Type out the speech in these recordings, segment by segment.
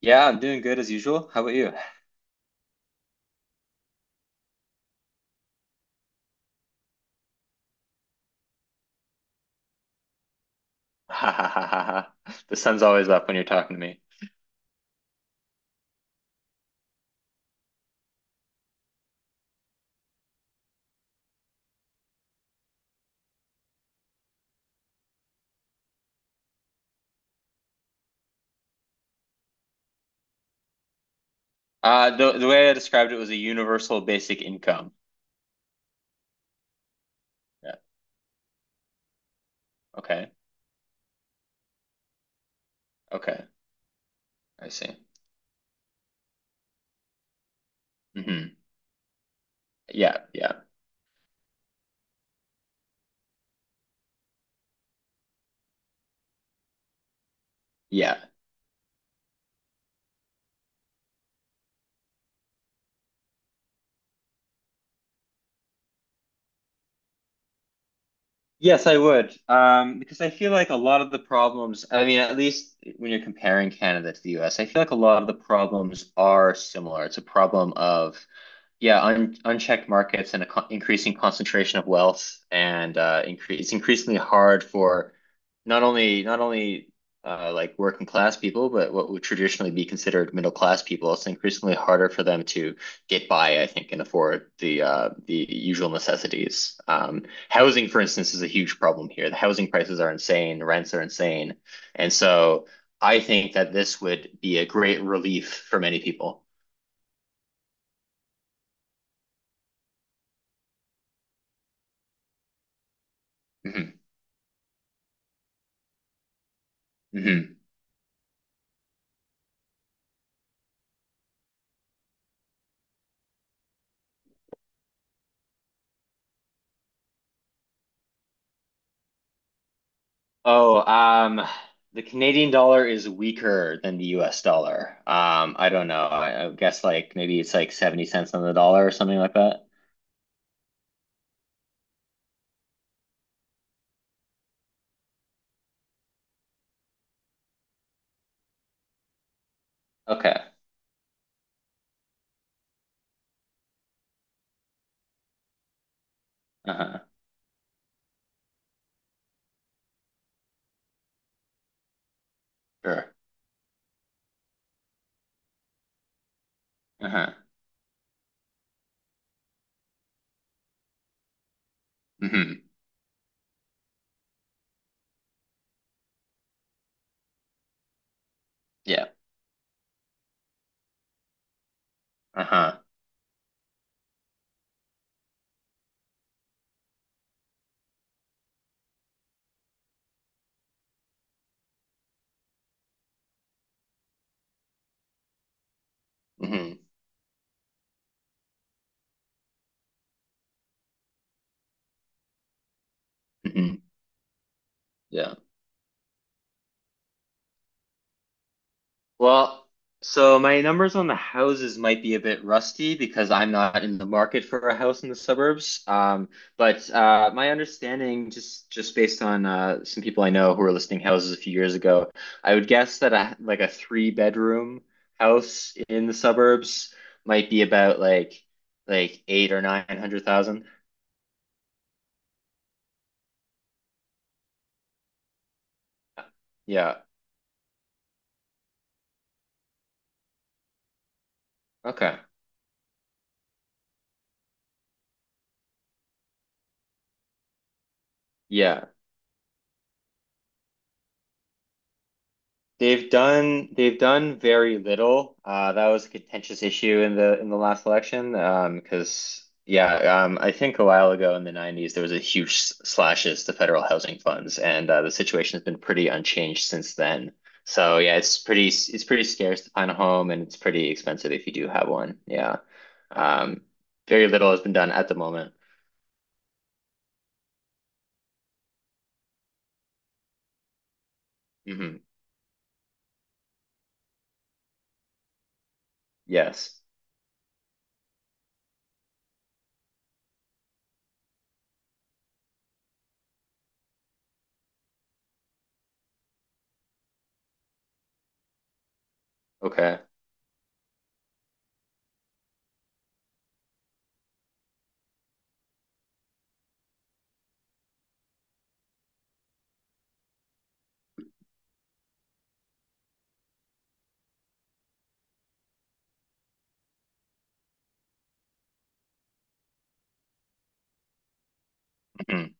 Yeah, I'm doing good as usual. How about you? Ha ha ha ha ha. The sun's always up when you're talking to me. The way I described it was a universal basic income. Yeah. Okay. Okay. I see. Hmm. Yeah. Yeah. Yeah. Yes, I would. Because I feel like a lot of the problems, I mean, at least when you're comparing Canada to the US, I feel like a lot of the problems are similar. It's a problem of Yeah, un unchecked markets and a con increasing concentration of wealth, and incre it's increasingly hard for not only like working class people, but what would traditionally be considered middle class people. It's increasingly harder for them to get by, I think, and afford the usual necessities. Housing, for instance, is a huge problem here. The housing prices are insane, rents are insane, and so I think that this would be a great relief for many people. Mhm. Mhm. Oh, um, the Canadian dollar is weaker than the US dollar. I don't know. I guess like maybe it's like 70 cents on the dollar or something like that. Okay. Uh-huh. Sure. Uh-huh. Hmm. Yeah. Uh-huh. Hmm. Hmm. Yeah. Well, so my numbers on the houses might be a bit rusty because I'm not in the market for a house in the suburbs. But my understanding, just based on some people I know who were listing houses a few years ago, I would guess that a like a three-bedroom house in the suburbs might be about like eight or nine hundred thousand. Yeah. Okay. Yeah. They've done very little. That was a contentious issue in the last election. I think a while ago in the 90s there was a huge slashes to federal housing funds, and the situation has been pretty unchanged since then. So yeah, it's pretty scarce to find a home, and it's pretty expensive if you do have one. Yeah. Um, very little has been done at the moment. Hmm. Yes. Okay. Hmm.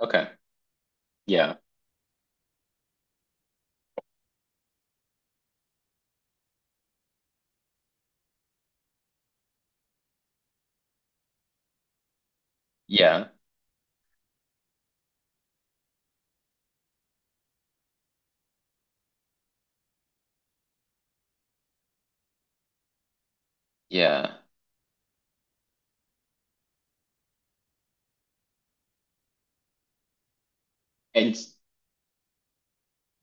Okay. Yeah. Yeah. Yeah. And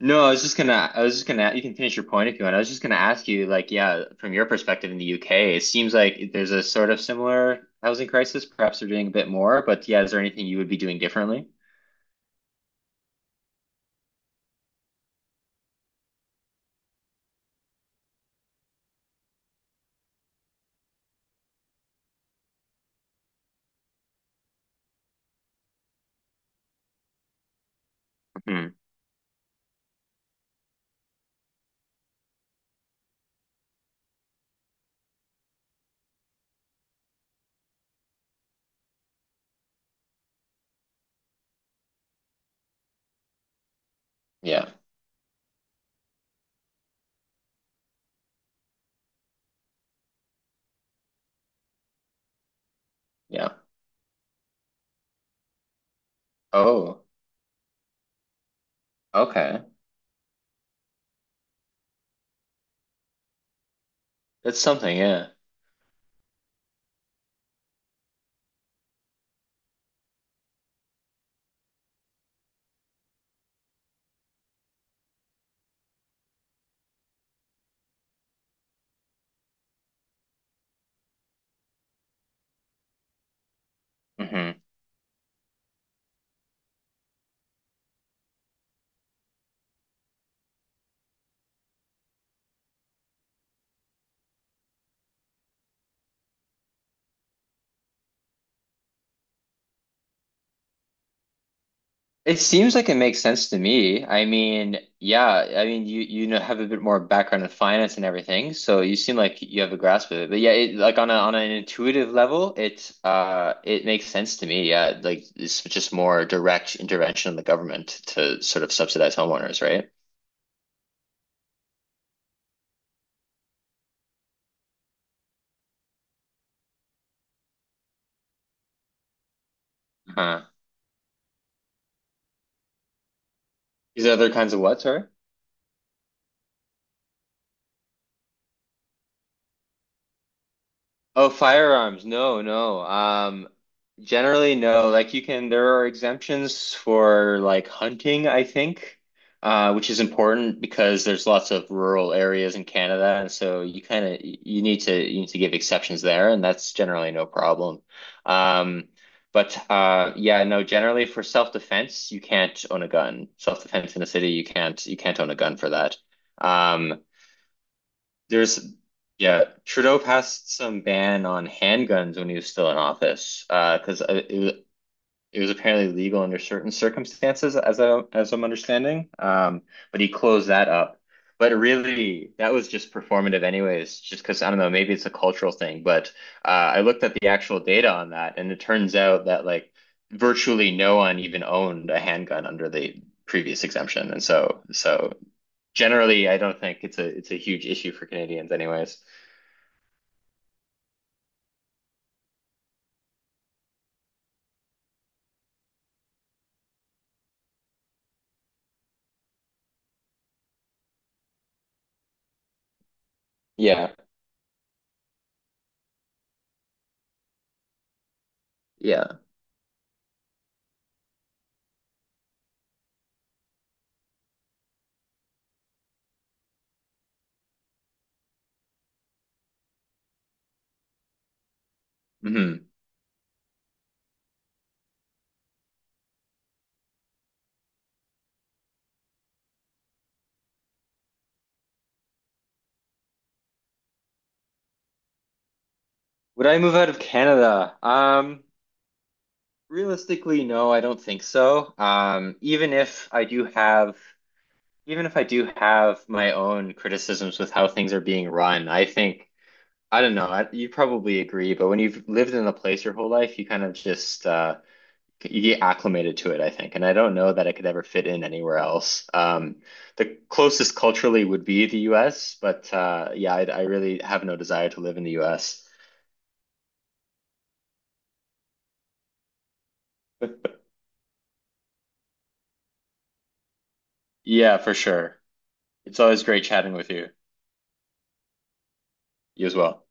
No, I was just gonna, I was just gonna, you can finish your point if you want. I was just gonna ask you, like, yeah, from your perspective in the UK, it seems like there's a sort of similar housing crisis. Perhaps they're doing a bit more, but yeah, is there anything you would be doing differently? Hmm. Yeah, yeah. Oh, okay. That's something, yeah. Hmm. It seems like it makes sense to me. I mean, yeah, I mean, you know have a bit more background in finance and everything, so you seem like you have a grasp of it. But yeah, like on a on an intuitive level, it makes sense to me. Yeah, like it's just more direct intervention of the government to sort of subsidize homeowners, right? Huh. These other kinds of what, sorry? Oh, firearms. No, no. Generally, no. Like you can, there are exemptions for like hunting, I think, which is important because there's lots of rural areas in Canada, and so you kind of you need to give exceptions there, and that's generally no problem. Um, no. Generally, for self-defense, you can't own a gun. Self-defense in a city, you can't own a gun for that. Um, there's, yeah, Trudeau passed some ban on handguns when he was still in office, because it was apparently legal under certain circumstances, as I'm understanding. But he closed that up. But really, that was just performative anyways. Just because I don't know, maybe it's a cultural thing. But I looked at the actual data on that, and it turns out that like virtually no one even owned a handgun under the previous exemption, and so generally, I don't think it's a huge issue for Canadians anyways. Yeah. Yeah. Hmm. Would I move out of Canada? Realistically, no, I don't think so. Even if I do have my own criticisms with how things are being run, I think I don't know, you probably agree, but when you've lived in a place your whole life, you kind of just you get acclimated to it, I think. And I don't know that I could ever fit in anywhere else. The closest culturally would be the US, but I really have no desire to live in the US. Yeah, for sure. It's always great chatting with you. You as well.